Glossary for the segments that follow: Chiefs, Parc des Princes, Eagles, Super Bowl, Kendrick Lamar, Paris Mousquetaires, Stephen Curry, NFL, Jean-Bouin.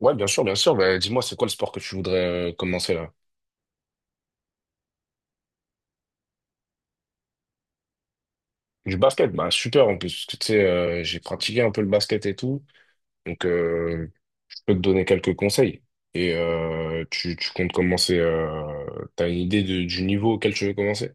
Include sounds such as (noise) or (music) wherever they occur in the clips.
Ouais, bien sûr, bien sûr. Bah, dis-moi, c'est quoi le sport que tu voudrais commencer là? Du basket, bah super en plus, parce que tu sais, j'ai pratiqué un peu le basket et tout, donc je peux te donner quelques conseils. Et tu comptes commencer. T'as une idée du niveau auquel tu veux commencer?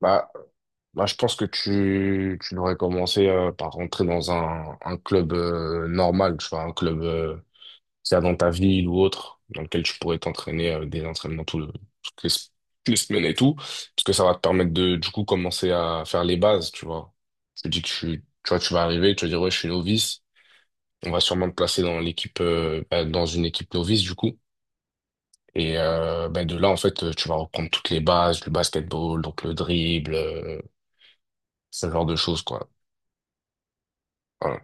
Bah, bah, je pense que tu devrais commencer par rentrer dans un club normal, tu vois, un club. C'est dans ta ville ou autre, dans lequel tu pourrais t'entraîner des entraînements toutes les, s- toutes les semaines et tout, parce que ça va te permettre de, du coup, commencer à faire les bases, tu vois. Je te dis que je suis- Tu vois, tu vas arriver, tu vas dire, ouais, je suis novice, on va sûrement te placer dans l'équipe, bah, dans une équipe novice, du coup. Et bah, de là, en fait, tu vas reprendre toutes les bases, le basketball, donc le dribble, ce genre de choses, quoi. Voilà.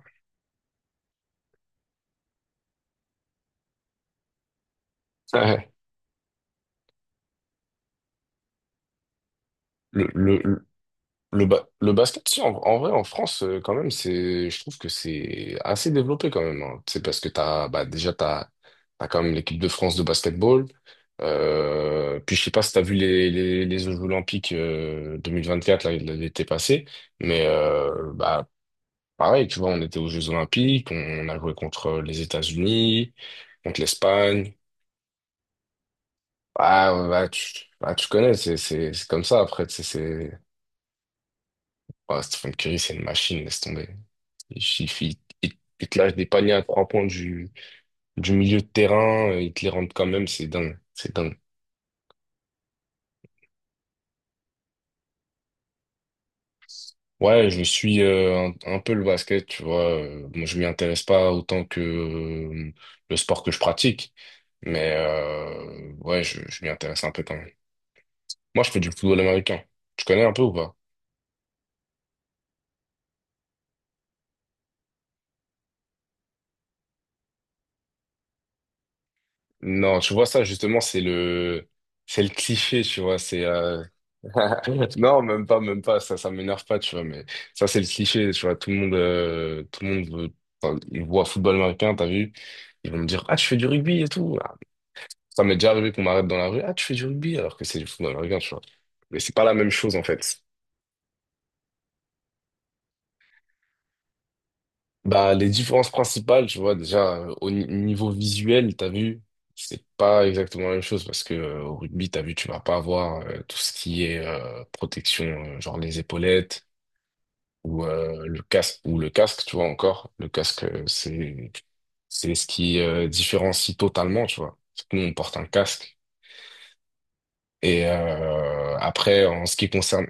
(laughs) Le, le, le basket, si, en vrai, en France, quand même, c'est, je trouve que c'est assez développé quand même, hein. C'est parce que t'as, bah, déjà, t'as quand même l'équipe de France de basketball. Puis, je sais pas si t'as vu les Jeux Olympiques 2024, là, l'été passé. Mais, bah, pareil, tu vois, on était aux Jeux Olympiques, a joué contre les États-Unis, contre l'Espagne. Ah, bah, bah, tu connais, c'est comme ça après, tu sais, oh, Stephen Curry, c'est une machine, laisse tomber. Il suffit, il te lâche des paniers à trois points du milieu de terrain, il te les rentre quand même, c'est dingue, c'est dingue. Ouais, je suis un peu le basket, tu vois. Bon, je m'y intéresse pas autant que le sport que je pratique, mais ouais, je m'y intéresse un peu quand même. Moi, je fais du football américain. Tu connais un peu ou pas? Non, tu vois ça justement, c'est le cliché, tu vois. C'est (laughs) Non, même pas, ça m'énerve pas, tu vois, mais ça, c'est le cliché, tu vois, tout le monde veut, enfin, ils voient football américain, t'as vu, ils vont me dire, ah, tu fais du rugby et tout. Ah, ça m'est déjà arrivé qu'on m'arrête dans la rue, ah, tu fais du rugby, alors que c'est du football américain, tu vois. Mais c'est pas la même chose, en fait. Bah, les différences principales, tu vois, déjà, au ni- niveau visuel, t'as vu, c'est pas exactement la même chose, parce que, au rugby, t'as vu, tu vas pas avoir, tout ce qui est, protection, genre les épaulettes, ou le casque ou le casque, tu vois, encore le casque, c'est ce qui différencie totalement, tu vois. Parce que nous on porte un casque, et après, en ce qui concerne,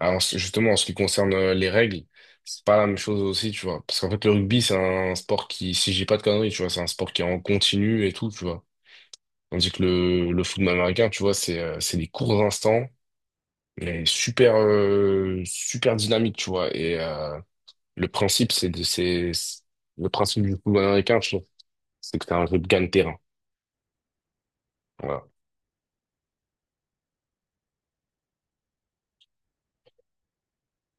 en ce qui concerne les règles, c'est pas la même chose aussi, tu vois, parce qu'en fait le rugby c'est un sport qui, si j'ai pas de conneries, tu vois, c'est un sport qui est en continu et tout, tu vois, tandis que le football américain, tu vois, c'est des courts instants, mais super, super dynamique, tu vois, et le principe, c'est de, le principe du football américain, je trouve, c'est que t'as un jeu de gagne-terrain. Voilà.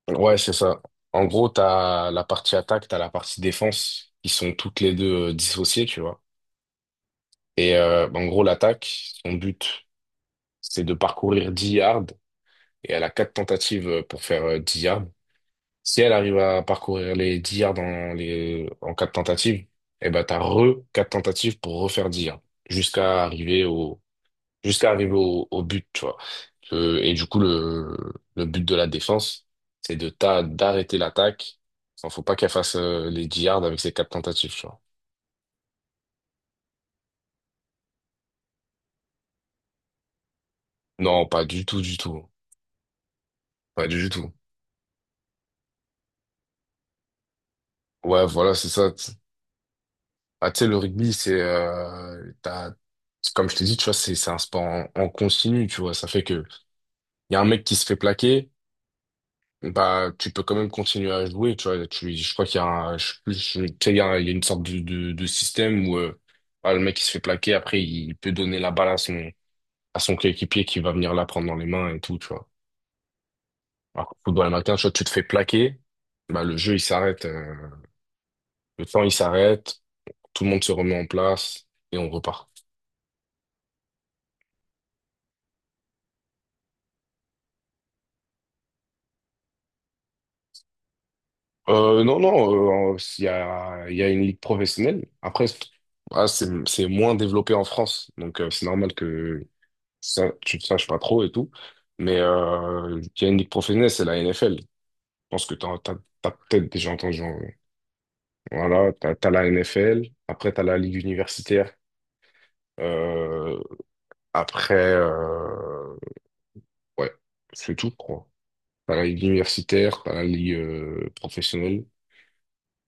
Ouais, c'est ça. En gros, t'as la partie attaque, t'as la partie défense, qui sont toutes les deux dissociées, tu vois. Et en gros, l'attaque, son but, c'est de parcourir 10 yards, et elle a quatre tentatives pour faire 10 yards. Si elle arrive à parcourir les 10 yards en quatre tentatives, eh ben, t'as re quatre tentatives pour refaire 10 yards, jusqu'à arriver au, jusqu'à arriver au but, tu vois. Et du coup, le but de la défense, c'est de d'arrêter l'attaque. Il faut pas qu'elle fasse les yards avec ses quatre tentatives, tu vois. Non, pas du tout, du tout. Pas du tout. Ouais, voilà, c'est ça. Ah, tu sais, le rugby, c'est comme je t'ai dit, tu vois, c'est un sport en continu, tu vois. Ça fait que, il y a un mec qui se fait plaquer, bah, tu peux quand même continuer à jouer, tu vois. Je crois qu'il y a je sais plus, tu sais, il y a, il y a une sorte de système où, bah, le mec qui se fait plaquer, après, il peut donner la balle à son coéquipier qui va venir la prendre dans les mains et tout, tu vois. Alors, qu'au football américain, tu vois, tu te fais plaquer, bah, le jeu, il s'arrête, le temps, il s'arrête, tout le monde se remet en place et on repart. Non, non, il y a une ligue professionnelle. Après, c'est, ah, c'est moins développé en France, donc c'est normal que ça, tu ne saches pas trop et tout. Mais il y a une ligue professionnelle, c'est la NFL. Je pense que tu as peut-être déjà entendu. Voilà, tu as la NFL, après tu as la ligue universitaire. Euh, Après, ouais, c'est tout, quoi. T'as la ligue universitaire, t'as la ligue professionnelle.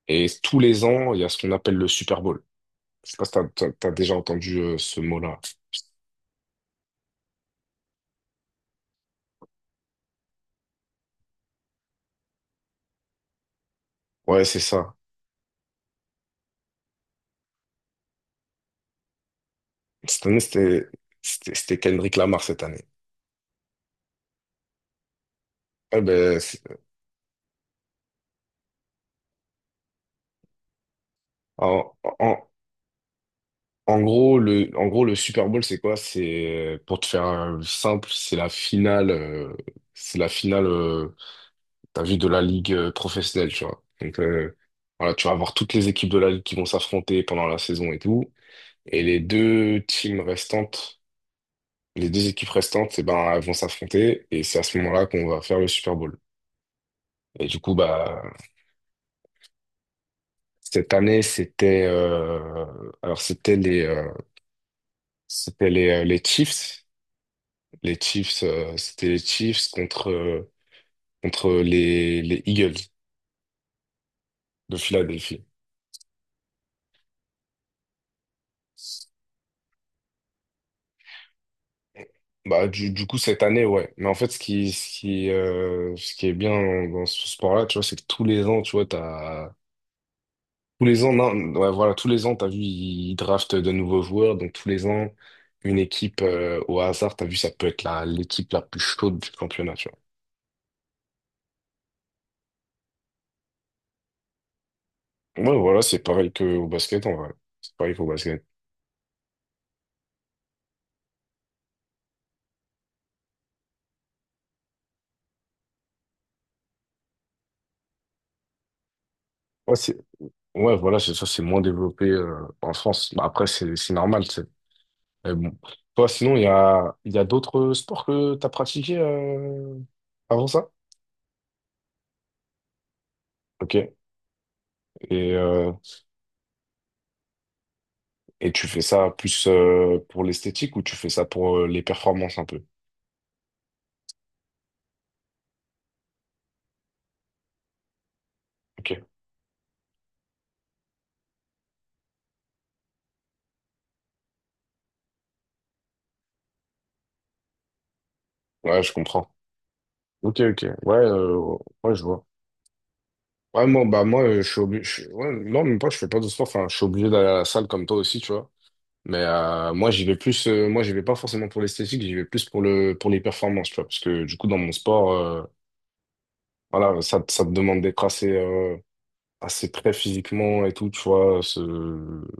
Et tous les ans, il y a ce qu'on appelle le Super Bowl. Je sais pas si t'as, t'as déjà entendu ce mot-là. Ouais, c'est ça. Cette année, c'était Kendrick Lamar cette année. Eh ben, en, en, en gros, en gros, le Super Bowl, c'est quoi? C'est, pour te faire simple, c'est la finale, t'as vu, de la ligue professionnelle, tu vois. Donc voilà, tu vas avoir toutes les équipes de la ligue qui vont s'affronter pendant la saison et tout. Et les deux équipes restantes, eh ben, elles vont s'affronter. Et c'est à ce moment-là qu'on va faire le Super Bowl. Et du coup, bah cette année, c'était alors c'était les Chiefs. Les Chiefs, c'était les Chiefs contre les Eagles de Philadelphie. Bah, du coup, cette année, ouais. Mais en fait, ce qui est bien dans ce sport-là, tu vois, c'est que tous les ans, tu vois, t'as. Tous les ans, non, ouais, voilà, tous les ans, t'as vu, ils draftent de nouveaux joueurs. Donc, tous les ans, une équipe, au hasard, t'as vu, ça peut être l'équipe la plus chaude du championnat, tu vois. Ouais, voilà, c'est pareil qu'au basket, en vrai. C'est pareil qu'au basket. Ouais, c'est. Ouais, voilà, c'est ça, c'est moins développé, en France. Bah, après, c'est normal, c'est. Mais bon. Toi, sinon, il y a d'autres sports que t'as pratiqués, avant ça? Ok. Et, euh, et tu fais ça plus pour l'esthétique ou tu fais ça pour les performances un peu? Ok. Ouais, je comprends. Ok, ok. Ouais, ouais, je vois. Ouais, moi, bah, moi, je suis obligé. Ouais, non, même pas, je fais pas de sport. Enfin, je suis obligé d'aller à la salle comme toi aussi, tu vois. Mais moi, j'y vais plus. Moi, j'y vais pas forcément pour l'esthétique, j'y vais plus pour les performances, tu vois. Parce que du coup, dans mon sport, voilà, ça te demande d'être assez, assez très physiquement et tout, tu vois,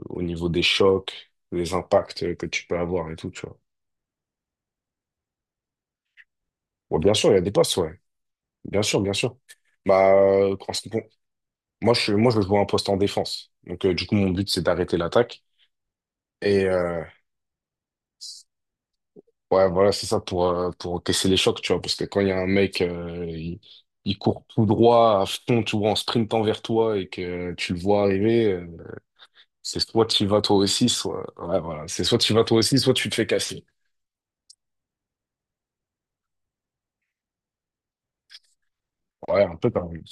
au niveau des chocs, les impacts que tu peux avoir et tout, tu vois. Bon, bien sûr, il y a des postes, ouais. Bien sûr, bien sûr. Bah, en ce qui con- moi, je joue un poste en défense. Donc, du coup, mon but, c'est d'arrêter l'attaque. Et ouais, voilà, c'est ça pour, pour encaisser les chocs, tu vois. Parce que quand il y a un mec, il court tout droit à fond, tu vois, en sprintant vers toi et que tu le vois arriver, c'est soit tu y vas toi aussi, soit. Ouais, voilà. C'est soit tu y vas toi aussi, soit tu te fais casser. Ouais, un peu quand même.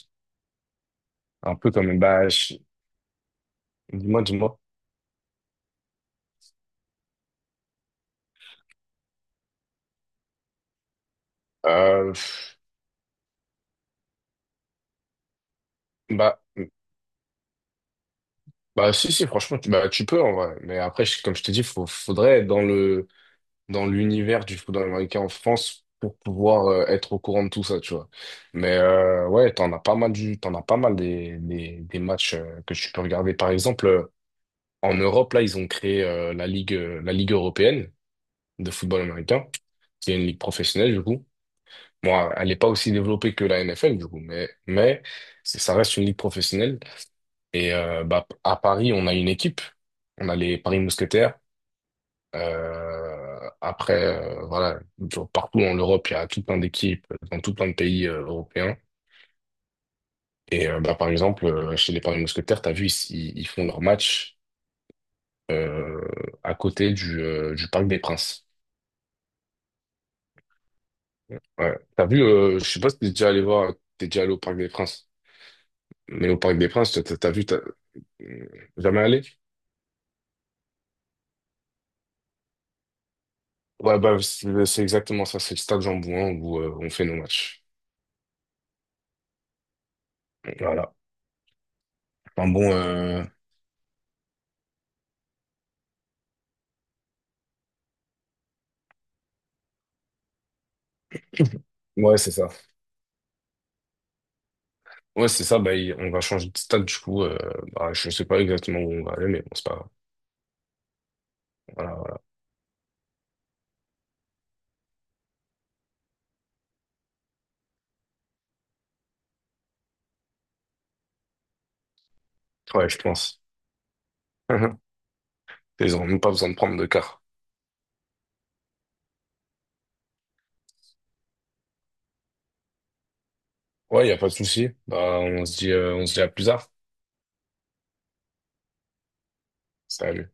Un peu quand même. Bah, dis-moi, dis-moi. Pff, bah, bah, si, si, franchement, bah, tu peux, en vrai. Mais après, comme je te dis, faudrait être dans l'univers du football américain en France pour pouvoir être au courant de tout ça, tu vois. Mais ouais, t'en as pas mal des matchs que tu peux regarder. Par exemple, en Europe, là, ils ont créé la Ligue européenne de football américain, qui est une ligue professionnelle, du coup. Bon, elle n'est pas aussi développée que la NFL, du coup, mais ça reste une ligue professionnelle. Et bah, à Paris, on a une équipe. On a les Paris Mousquetaires. Après, voilà, genre partout en Europe, il y a tout plein d'équipes, dans tout plein de pays européens. Et bah, par exemple, chez les Paris Mousquetaires, t'as vu, ils font leur match euh, à côté du Parc des Princes. Ouais. Tu vu, je sais pas si t'es déjà allé voir, t'es déjà allé au Parc des Princes. Mais au Parc des Princes, t'as vu, euh, jamais allé? Ouais, bah, c'est exactement ça. C'est le stade Jean-Bouin où on fait nos matchs. Voilà. Enfin bon, ouais, c'est ça. Ouais, c'est ça. Bah, on va changer de stade, du coup. Bah, je sais pas exactement où on va aller, mais bon, c'est pas grave. Voilà, voilà. Ouais, je pense. (laughs) Ils ont même pas besoin de prendre de car. Ouais, y a pas de souci. Bah, on se dit à plus tard. Salut.